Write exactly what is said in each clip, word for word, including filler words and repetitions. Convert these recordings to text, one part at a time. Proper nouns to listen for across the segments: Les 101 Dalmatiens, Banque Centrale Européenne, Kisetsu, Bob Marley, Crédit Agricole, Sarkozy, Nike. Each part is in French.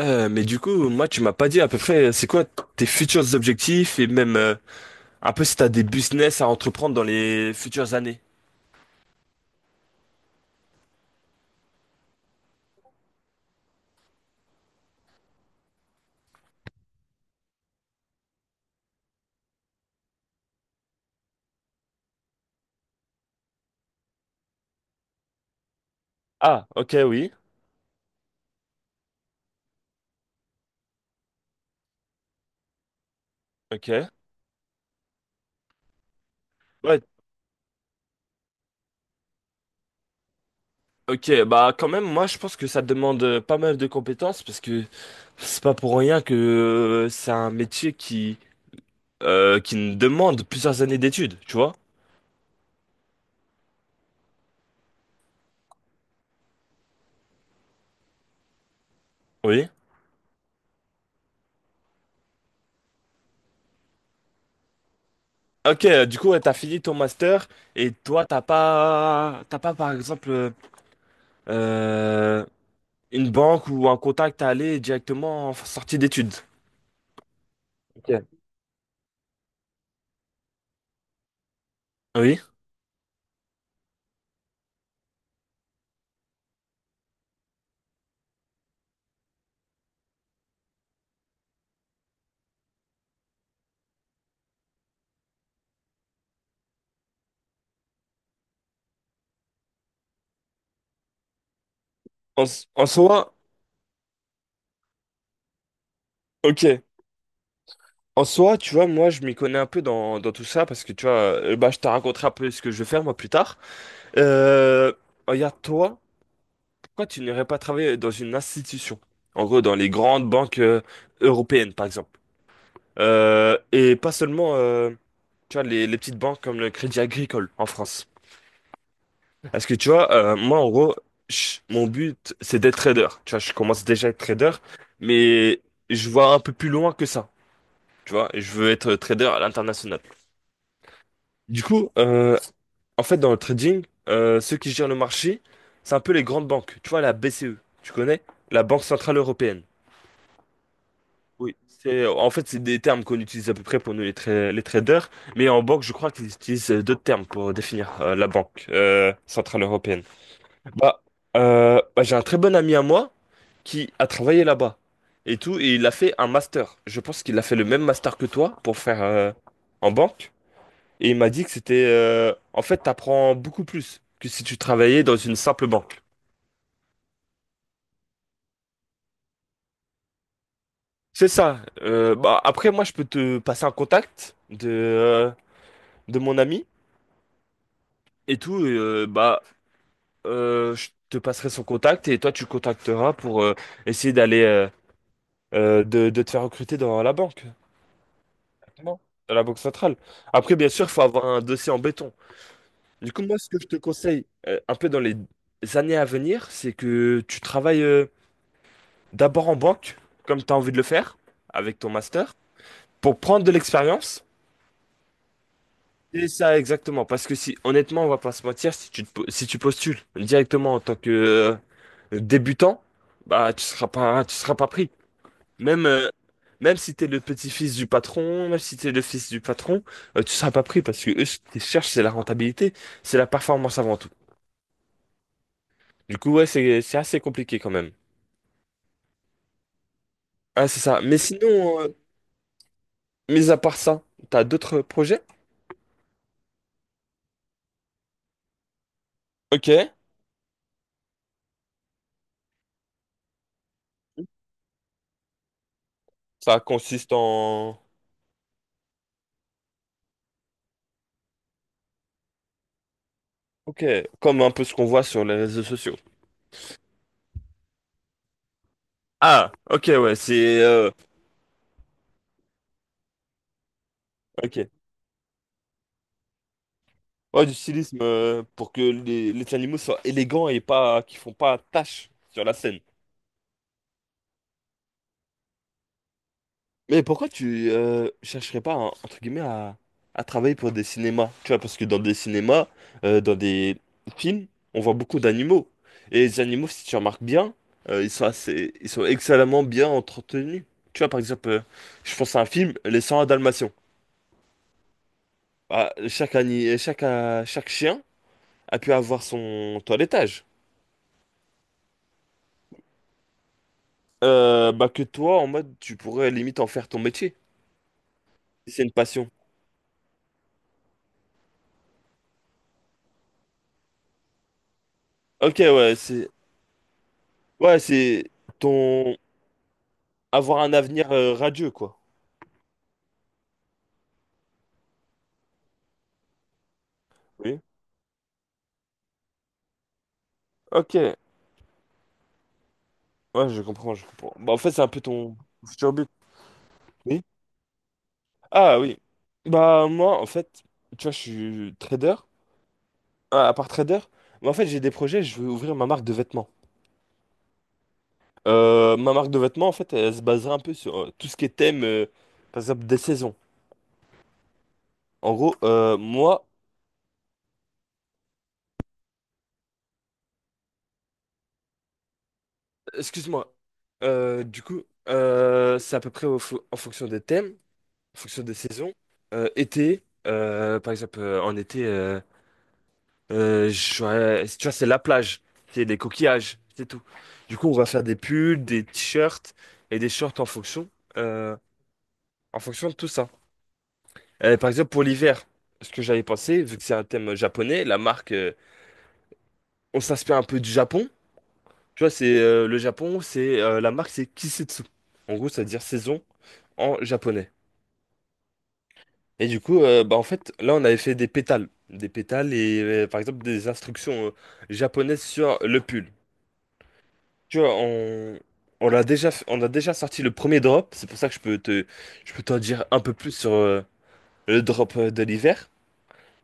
Euh, mais du coup, moi, tu m'as pas dit à peu près, c'est quoi tes futurs objectifs et même euh, un peu si t'as des business à entreprendre dans les futures années. Ah, ok, oui. Ok. Ouais, ok, bah quand même, moi je pense que ça demande euh, pas mal de compétences parce que c'est pas pour rien que euh, c'est un métier qui euh, qui ne demande plusieurs années d'études, tu vois? Oui. Ok, euh, du coup, ouais, t'as fini ton master et toi, t'as pas, t'as pas par exemple, euh, une banque ou un contact à aller directement en sortie d'études. Ok. Oui. En, s- en soi, ok. En soi, tu vois, moi, je m'y connais un peu dans, dans tout ça parce que, tu vois, euh, bah, je te raconterai un peu ce que je vais faire, moi, plus tard. Euh, Regarde, toi, pourquoi tu n'irais pas travailler dans une institution? En gros, dans les grandes banques euh, européennes, par exemple. Euh, et pas seulement, euh, tu vois, les, les petites banques comme le Crédit Agricole en France. Parce que tu vois, euh, moi en gros, je- mon but c'est d'être trader. Tu vois, je commence déjà à être trader, mais je vois un peu plus loin que ça. Tu vois, et je veux être trader à l'international. Du coup, euh, en fait, dans le trading, euh, ceux qui gèrent le marché, c'est un peu les grandes banques. Tu vois, la B C E, tu connais? La Banque Centrale Européenne. Oui. C'est, en fait, c'est des termes qu'on utilise à peu près pour nous les, tra- les traders, mais en banque, je crois qu'ils utilisent euh, d'autres termes pour définir euh, la Banque euh, Centrale Européenne. Bah, euh, bah, j'ai un très bon ami à moi qui a travaillé là-bas et tout, et il a fait un master. Je pense qu'il a fait le même master que toi pour faire euh, en banque. Et il m'a dit que c'était, euh, en fait, t'apprends beaucoup plus que si tu travaillais dans une simple banque. C'est ça. Euh, bah, après, moi, je peux te passer un contact de, euh, de mon ami et tout. Et, euh, bah, euh, je te passerai son contact et toi, tu le contacteras pour euh, essayer d'aller euh, euh, de, de te faire recruter dans la banque. Exactement. Dans la banque centrale. Après, bien sûr, il faut avoir un dossier en béton. Du coup, moi, ce que je te conseille, euh, un peu dans les années à venir, c'est que tu travailles euh, d'abord en banque, comme tu as envie de le faire, avec ton master, pour prendre de l'expérience. Et ça, exactement. Parce que si, honnêtement, on va pas se mentir, si tu, te po- si tu postules directement en tant que euh, débutant, bah, tu seras pas, tu seras pas pris. Même, euh, même si tu es le petit-fils du patron, même si tu es le fils du patron, euh, tu seras pas pris parce que eux, ce qu'ils cherchent, c'est la rentabilité, c'est la performance avant tout. Du coup, ouais, c'est, c'est assez compliqué quand même. Ah, c'est ça. Mais sinon, euh, mis à part ça, t'as d'autres projets? Ok, ça consiste en... Ok, comme un peu ce qu'on voit sur les réseaux sociaux. Ah, ok, ouais, c'est... euh, ok. Ouais, du stylisme euh, pour que les, les animaux soient élégants et pas qu'ils font pas tache sur la scène. Mais pourquoi tu euh, chercherais pas, en- entre guillemets, à, à travailler pour des cinémas? Tu vois, parce que dans des cinémas, euh, dans des films, on voit beaucoup d'animaux. Et les animaux, si tu remarques bien, euh, ils sont assez, ils sont excellemment bien entretenus. Tu vois, par exemple, euh, je pense à un film, Les cent un Dalmatiens. Ah, chaque, ani- chaque, euh, chaque chien a pu avoir son toilettage. Euh, bah que toi, en mode, tu pourrais limite en faire ton métier. C'est une passion. Ok, ouais, c'est... Ouais, c'est ton... avoir un avenir euh, radieux, quoi. Oui. Ok. Ouais, je comprends, je comprends. Bah, en fait, c'est un peu ton futur but. Oui. Ah oui. Bah, moi, en fait, tu vois, je suis trader. Ah, à part trader, mais en fait, j'ai des projets, je veux ouvrir ma marque de vêtements. Euh, ma marque de vêtements, en fait, elle se basera un peu sur euh, tout ce qui est thème, euh, par exemple, des saisons. En gros, euh, moi, excuse-moi. Euh, du coup, euh, c'est à peu près au fo- en fonction des thèmes, en fonction des saisons. Euh, été, euh, par exemple, euh, en été. Euh, Euh, j'aurais- tu vois, c'est la plage, c'est des coquillages, c'est tout. Du coup, on va faire des pulls, des t-shirts et des shorts en fonction, euh, en fonction de tout ça. Euh, par exemple, pour l'hiver, ce que j'avais pensé, vu que c'est un thème japonais, la marque, euh, on s'inspire un peu du Japon. Tu vois, c'est euh, le Japon, c'est euh, la marque, c'est Kisetsu. En gros, ça veut dire saison en japonais. Et du coup, euh, bah, en fait, là, on avait fait des pétales, des pétales et euh, par exemple des instructions euh, japonaises sur le pull. Tu vois, on, on l'a déjà, f- on a déjà sorti le premier drop. C'est pour ça que je peux te, je peux t'en dire un peu plus sur euh, le drop euh, de l'hiver.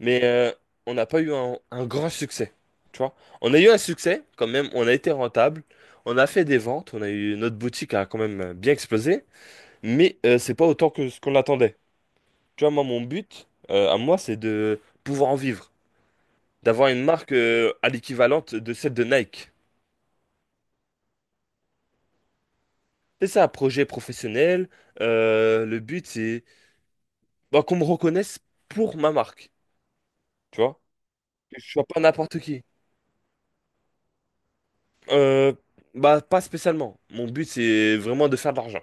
Mais euh, on n'a pas eu un, un grand succès. Tu vois, on a eu un succès quand même. On a été rentable. On a fait des ventes. On a eu notre boutique a quand même euh, bien explosé. Mais euh, c'est pas autant que ce qu'on attendait. Tu vois, moi, mon but euh, à moi, c'est de pouvoir en vivre, d'avoir une marque euh, à l'équivalente de celle de Nike. C'est ça, projet professionnel. Euh, le but, c'est bah, qu'on me reconnaisse pour ma marque, tu vois? Que je sois pas n'importe qui. Euh, Bah, pas spécialement. Mon but, c'est vraiment de faire de l'argent.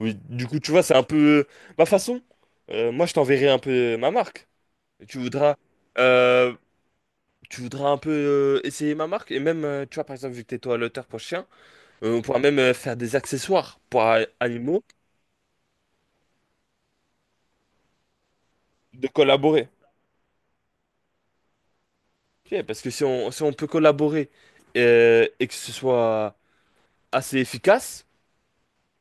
Oui, du coup, tu vois, c'est un peu ma façon. Euh, moi, je t'enverrai un peu ma marque. Et tu voudras, euh, tu voudras un peu euh, essayer ma marque. Et même, euh, tu vois, par exemple, vu que t'es toi l'auteur pour chien, euh, on pourra même euh, faire des accessoires pour a- animaux, de collaborer. Ok, parce que si on, si on peut collaborer euh, et que ce soit assez efficace,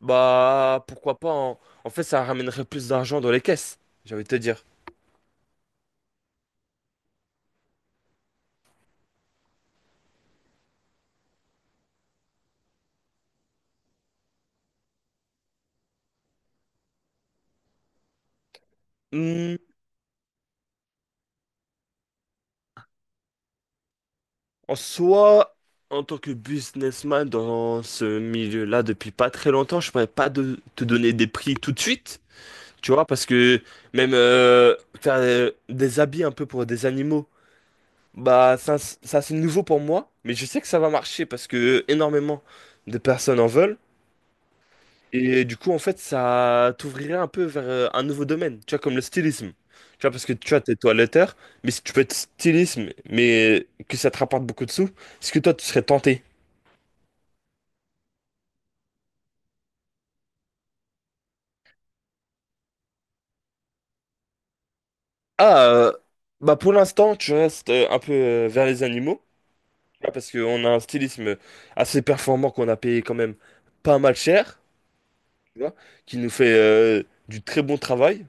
bah, pourquoi pas. En, en fait, ça ramènerait plus d'argent dans les caisses, j'ai envie de te dire. Hmm, en soi, en tant que businessman dans ce milieu-là depuis pas très longtemps, je pourrais pas de- te donner des prix tout de suite, tu vois, parce que même euh, faire euh, des habits un peu pour des animaux, bah, ça, ça c'est nouveau pour moi, mais je sais que ça va marcher parce que énormément de personnes en veulent. Et du coup, en fait, ça t'ouvrirait un peu vers euh, un nouveau domaine, tu vois, comme le stylisme. Tu vois, parce que tu vois, t'es toiletteur, mais si tu peux être stylisme, mais que ça te rapporte beaucoup de sous, est-ce que toi, tu serais tenté? Ah, euh, Bah pour l'instant, tu restes euh, un peu euh, vers les animaux, tu vois, parce qu'on a un stylisme assez performant qu'on a payé quand même pas mal cher, tu vois, qui nous fait euh, du très bon travail.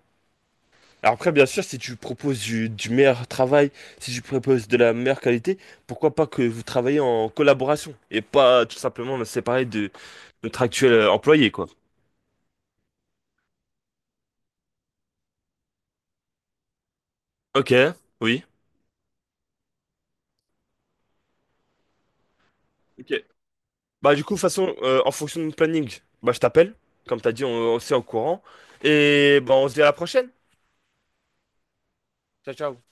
Alors après, bien sûr, si tu proposes du, du meilleur travail, si tu proposes de la meilleure qualité, pourquoi pas que vous travaillez en collaboration et pas tout simplement me séparer de notre actuel euh, employé, quoi. Ok, oui. Ok. Bah du coup, de toute façon, euh, en fonction de mon planning, bah je t'appelle, comme t'as dit, on, on s'est au courant. Et bah on se dit à la prochaine. Ciao, ciao.